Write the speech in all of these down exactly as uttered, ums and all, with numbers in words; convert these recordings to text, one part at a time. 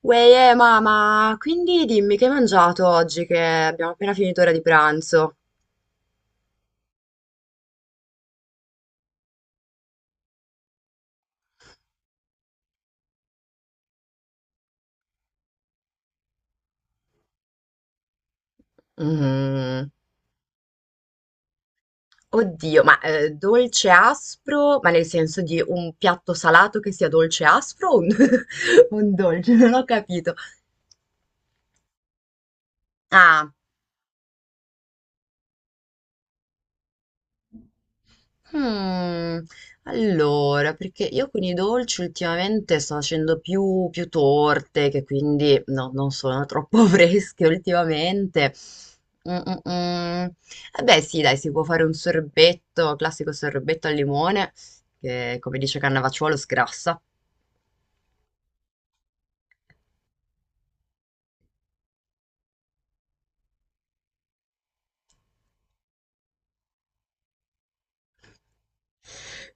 Uè, eh, mamma, quindi dimmi che hai mangiato oggi che abbiamo appena finito ora di pranzo. Mhm. Oddio, ma eh, dolce aspro, ma nel senso di un piatto salato che sia dolce aspro o un, un dolce? Non ho capito. Ah. Mm, allora, perché io con i dolci ultimamente sto facendo più, più torte, che quindi no, non sono troppo fresche ultimamente. Mm, mm, mm. Eh beh, sì, dai, si può fare un sorbetto, classico sorbetto al limone, che come dice Cannavacciuolo sgrassa.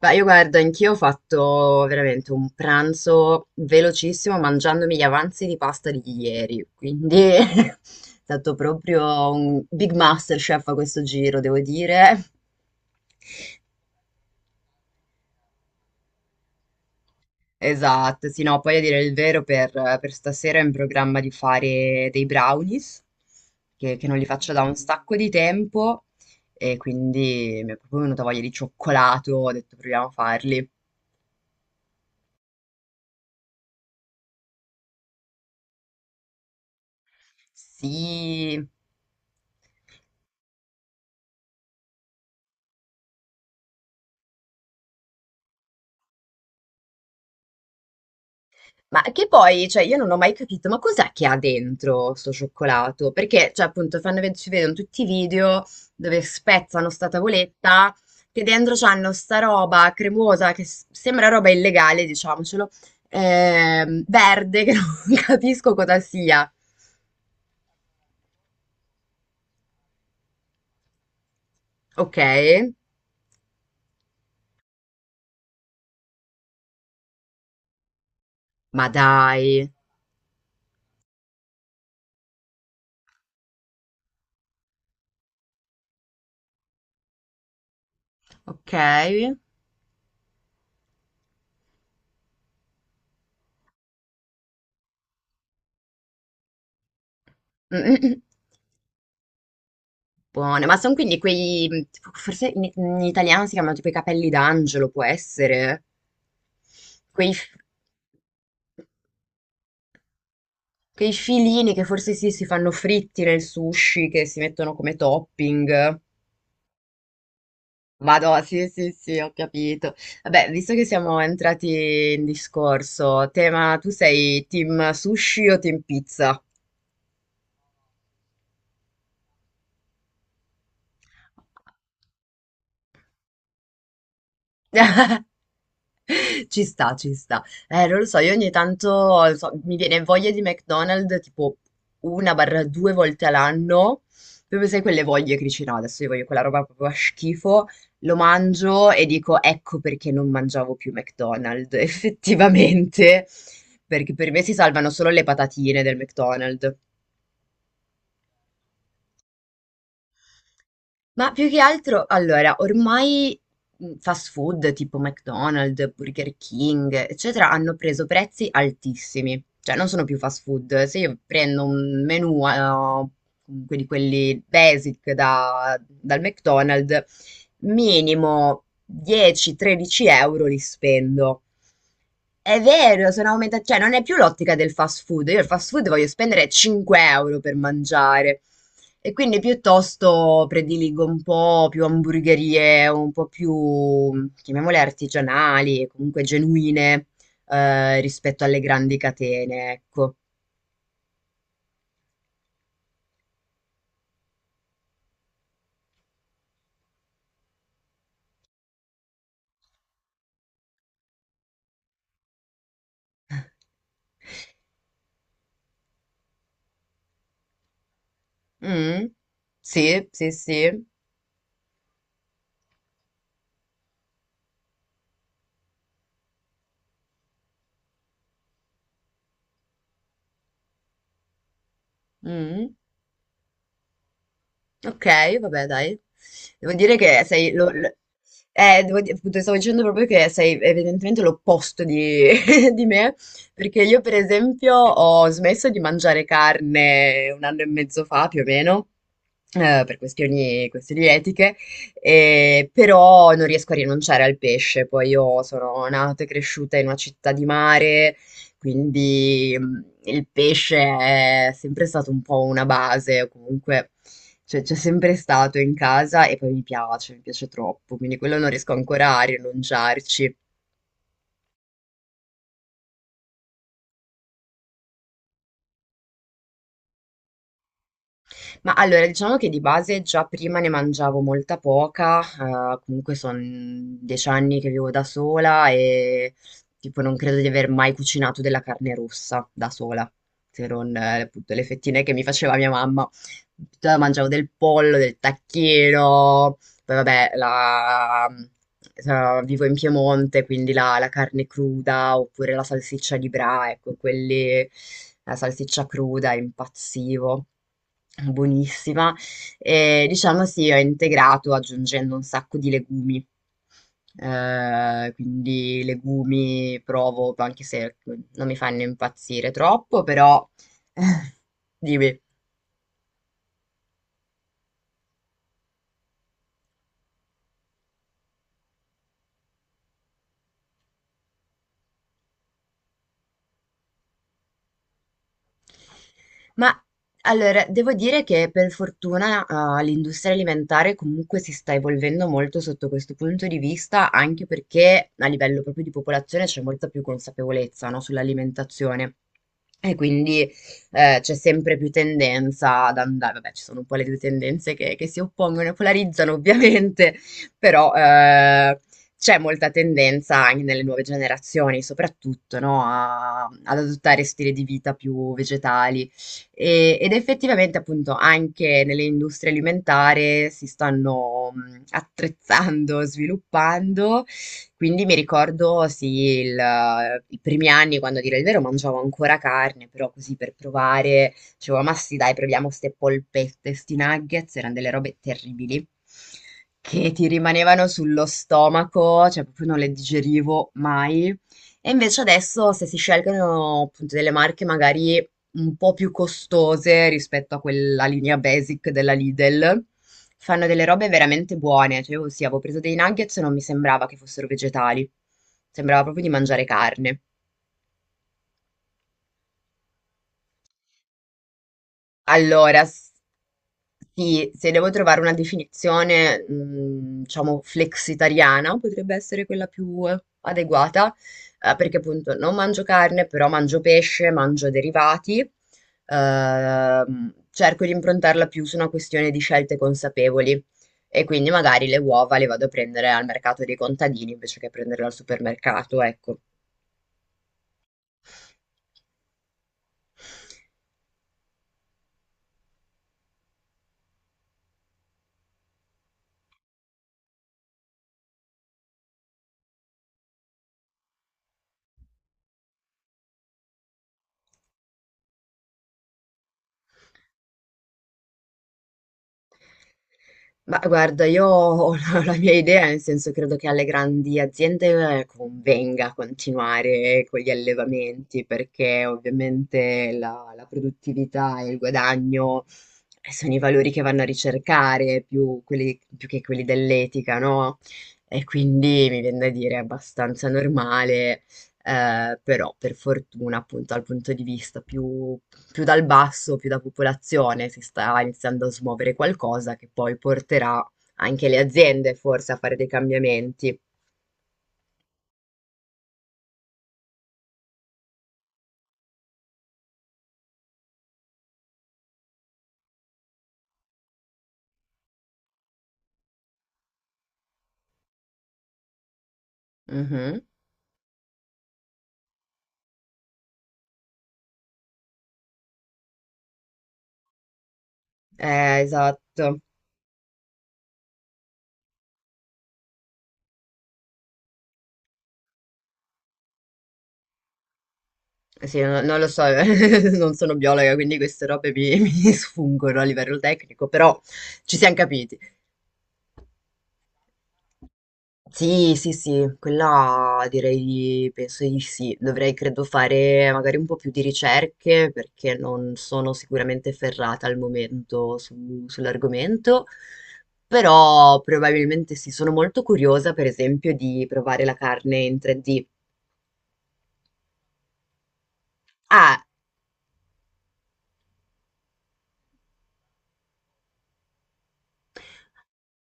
Ma io guarda, anch'io ho fatto veramente un pranzo velocissimo mangiandomi gli avanzi di pasta di ieri, quindi è stato proprio un big master chef a questo giro, devo dire. Esatto, sì, no, poi a dire il vero per, per stasera ho in programma di fare dei brownies, che, che non li faccio da un sacco di tempo, e quindi mi è proprio venuta voglia di cioccolato, ho detto proviamo a farli. Sì. Ma che poi, cioè, io non ho mai capito, ma cos'è che ha dentro sto cioccolato? Perché, cioè, appunto, fanno ved- ci vedono tutti i video dove spezzano sta tavoletta, che dentro c'hanno sta roba cremosa, che s- sembra roba illegale, diciamocelo, ehm, verde, che non capisco cosa sia. Ok, ma dai, ok. Mm, mm, mm. Buone, ma sono quindi quei, mh, tipo, forse in, in italiano si chiamano tipo i capelli d'angelo, può essere? Quei, f- Quei filini che forse sì, si fanno fritti nel sushi, che si mettono come topping. Vado, sì, sì, sì, ho capito. Vabbè, visto che siamo entrati in discorso, tema, tu sei team sushi o team pizza? Ci sta, ci sta. Eh, non lo so, io ogni tanto so- mi viene voglia di McDonald's tipo una barra due volte all'anno. Proprio sai quelle voglie che dici no, adesso io voglio quella roba proprio a schifo. Lo mangio e dico ecco perché non mangiavo più McDonald's, effettivamente. Perché per me si salvano solo le patatine del McDonald's. Ma più che altro, allora, ormai mh, fast food tipo McDonald's, Burger King, eccetera, hanno preso prezzi altissimi. Cioè, non sono più fast food. Se io prendo un menù, eh, comunque di quelli basic da- dal McDonald's, minimo dieci-tredici euro li spendo. È vero, sono aumentati, cioè non è più l'ottica del fast food, io il fast food voglio spendere cinque euro per mangiare e quindi piuttosto prediligo un po' più hamburgerie, un po' più, chiamiamole artigianali, comunque genuine eh, rispetto alle grandi catene, ecco. Mm? Sì, sì, sì. Mm. Ok, vabbè, dai. Devo dire che sei, lo- lo- eh, devo di- appunto, stavo dicendo proprio che sei evidentemente l'opposto di, di me, perché io, per esempio, ho smesso di mangiare carne un anno e mezzo fa, più o meno, eh, per questioni, questioni etiche, e- però non riesco a rinunciare al pesce. Poi io sono nata e cresciuta in una città di mare, quindi mh, il pesce è sempre stato un po' una base, o comunque cioè, c'è sempre stato in casa e poi mi piace, mi piace troppo, quindi quello non riesco ancora a rinunciarci. Ma allora, diciamo che di base già prima ne mangiavo molta poca, eh, comunque sono dieci anni che vivo da sola e tipo non credo di aver mai cucinato della carne rossa da sola, se non eh, appunto le fettine che mi faceva mia mamma. Tutta- Mangiavo del pollo, del tacchino. Vabbè, la, sa- vivo in Piemonte, quindi la, la carne cruda oppure la salsiccia di Bra, ecco, quelli, la salsiccia cruda, impazzivo. Buonissima. E diciamo sì, ho integrato aggiungendo un sacco di legumi. Eh, quindi legumi provo, anche se non mi fanno impazzire troppo, però dimmi. Ma allora, devo dire che per fortuna, ah, l'industria alimentare comunque si sta evolvendo molto sotto questo punto di vista, anche perché a livello proprio di popolazione c'è molta più consapevolezza, no, sull'alimentazione. E quindi eh, c'è sempre più tendenza ad andare, vabbè, ci sono un po' le due tendenze che, che si oppongono e polarizzano ovviamente, però eh, c'è molta tendenza anche nelle nuove generazioni, soprattutto, no, a- ad adottare stili di vita più vegetali e- ed effettivamente appunto anche nelle industrie alimentari si stanno mh, attrezzando, sviluppando, quindi mi ricordo sì, il, eh, i primi anni quando a dire il vero mangiavo ancora carne, però così per provare, dicevo ma sì dai proviamo ste polpette, sti nuggets, erano delle robe terribili. Che ti rimanevano sullo stomaco, cioè proprio non le digerivo mai. E invece adesso se si scelgono appunto delle marche magari un po' più costose rispetto a quella linea basic della Lidl. Fanno delle robe veramente buone. Cioè, io sì, avevo preso dei nuggets e non mi sembrava che fossero vegetali. Sembrava proprio di mangiare carne. Allora, s- sì, se devo trovare una definizione, mh, diciamo, flexitariana, potrebbe essere quella più adeguata, eh, perché appunto non mangio carne, però mangio pesce, mangio derivati, ehm, cerco di improntarla più su una questione di scelte consapevoli e quindi magari le uova le vado a prendere al mercato dei contadini invece che prenderle al supermercato, ecco. Ma guarda, io ho la, la mia idea, nel senso credo che alle grandi aziende eh, convenga continuare con gli allevamenti, perché ovviamente la, la produttività e il guadagno eh, sono i valori che vanno a ricercare, più, quelli- più che quelli dell'etica, no? E quindi mi viene da dire è abbastanza normale, eh, però per fortuna appunto dal punto di vista più più dal basso, più da popolazione, si sta iniziando a smuovere qualcosa che poi porterà anche le aziende forse a fare dei cambiamenti. Mhm. Eh, esatto. Sì, no- non lo so, non sono biologa, quindi queste robe mi, mi sfungono a livello tecnico, però ci siamo capiti. Sì, sì, sì, quella direi di, penso di sì. Dovrei, credo, fare magari un po' più di ricerche perché non sono sicuramente ferrata al momento su- sull'argomento, però probabilmente sì, sono molto curiosa, per esempio, di provare la carne in tre D. Ah,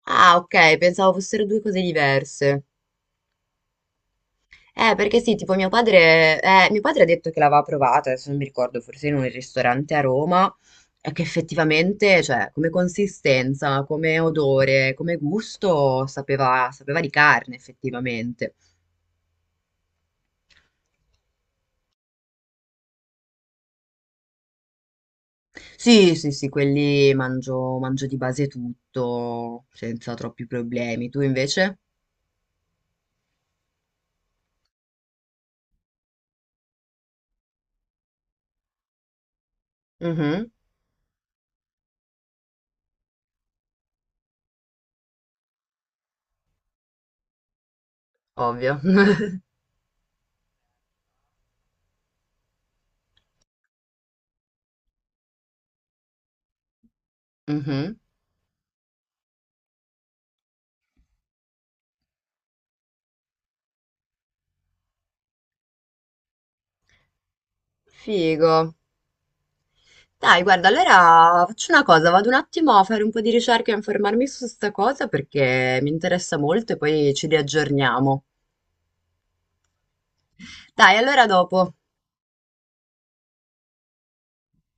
ah, ok, pensavo fossero due cose diverse. Eh, perché sì, tipo mio padre, eh, mio padre ha detto che l'aveva provata, adesso non mi ricordo, forse in un ristorante a Roma, e che effettivamente, cioè, come consistenza, come odore, come gusto, sapeva, sapeva di carne, effettivamente. Sì, sì, sì, quelli mangio, mangio di base tutto, senza troppi problemi. Tu invece? Mhm, ovvio. Mhm. Figo. Dai, guarda, allora faccio una cosa, vado un attimo a fare un po' di ricerca e informarmi su sta cosa perché mi interessa molto e poi ci riaggiorniamo. Dai, allora dopo.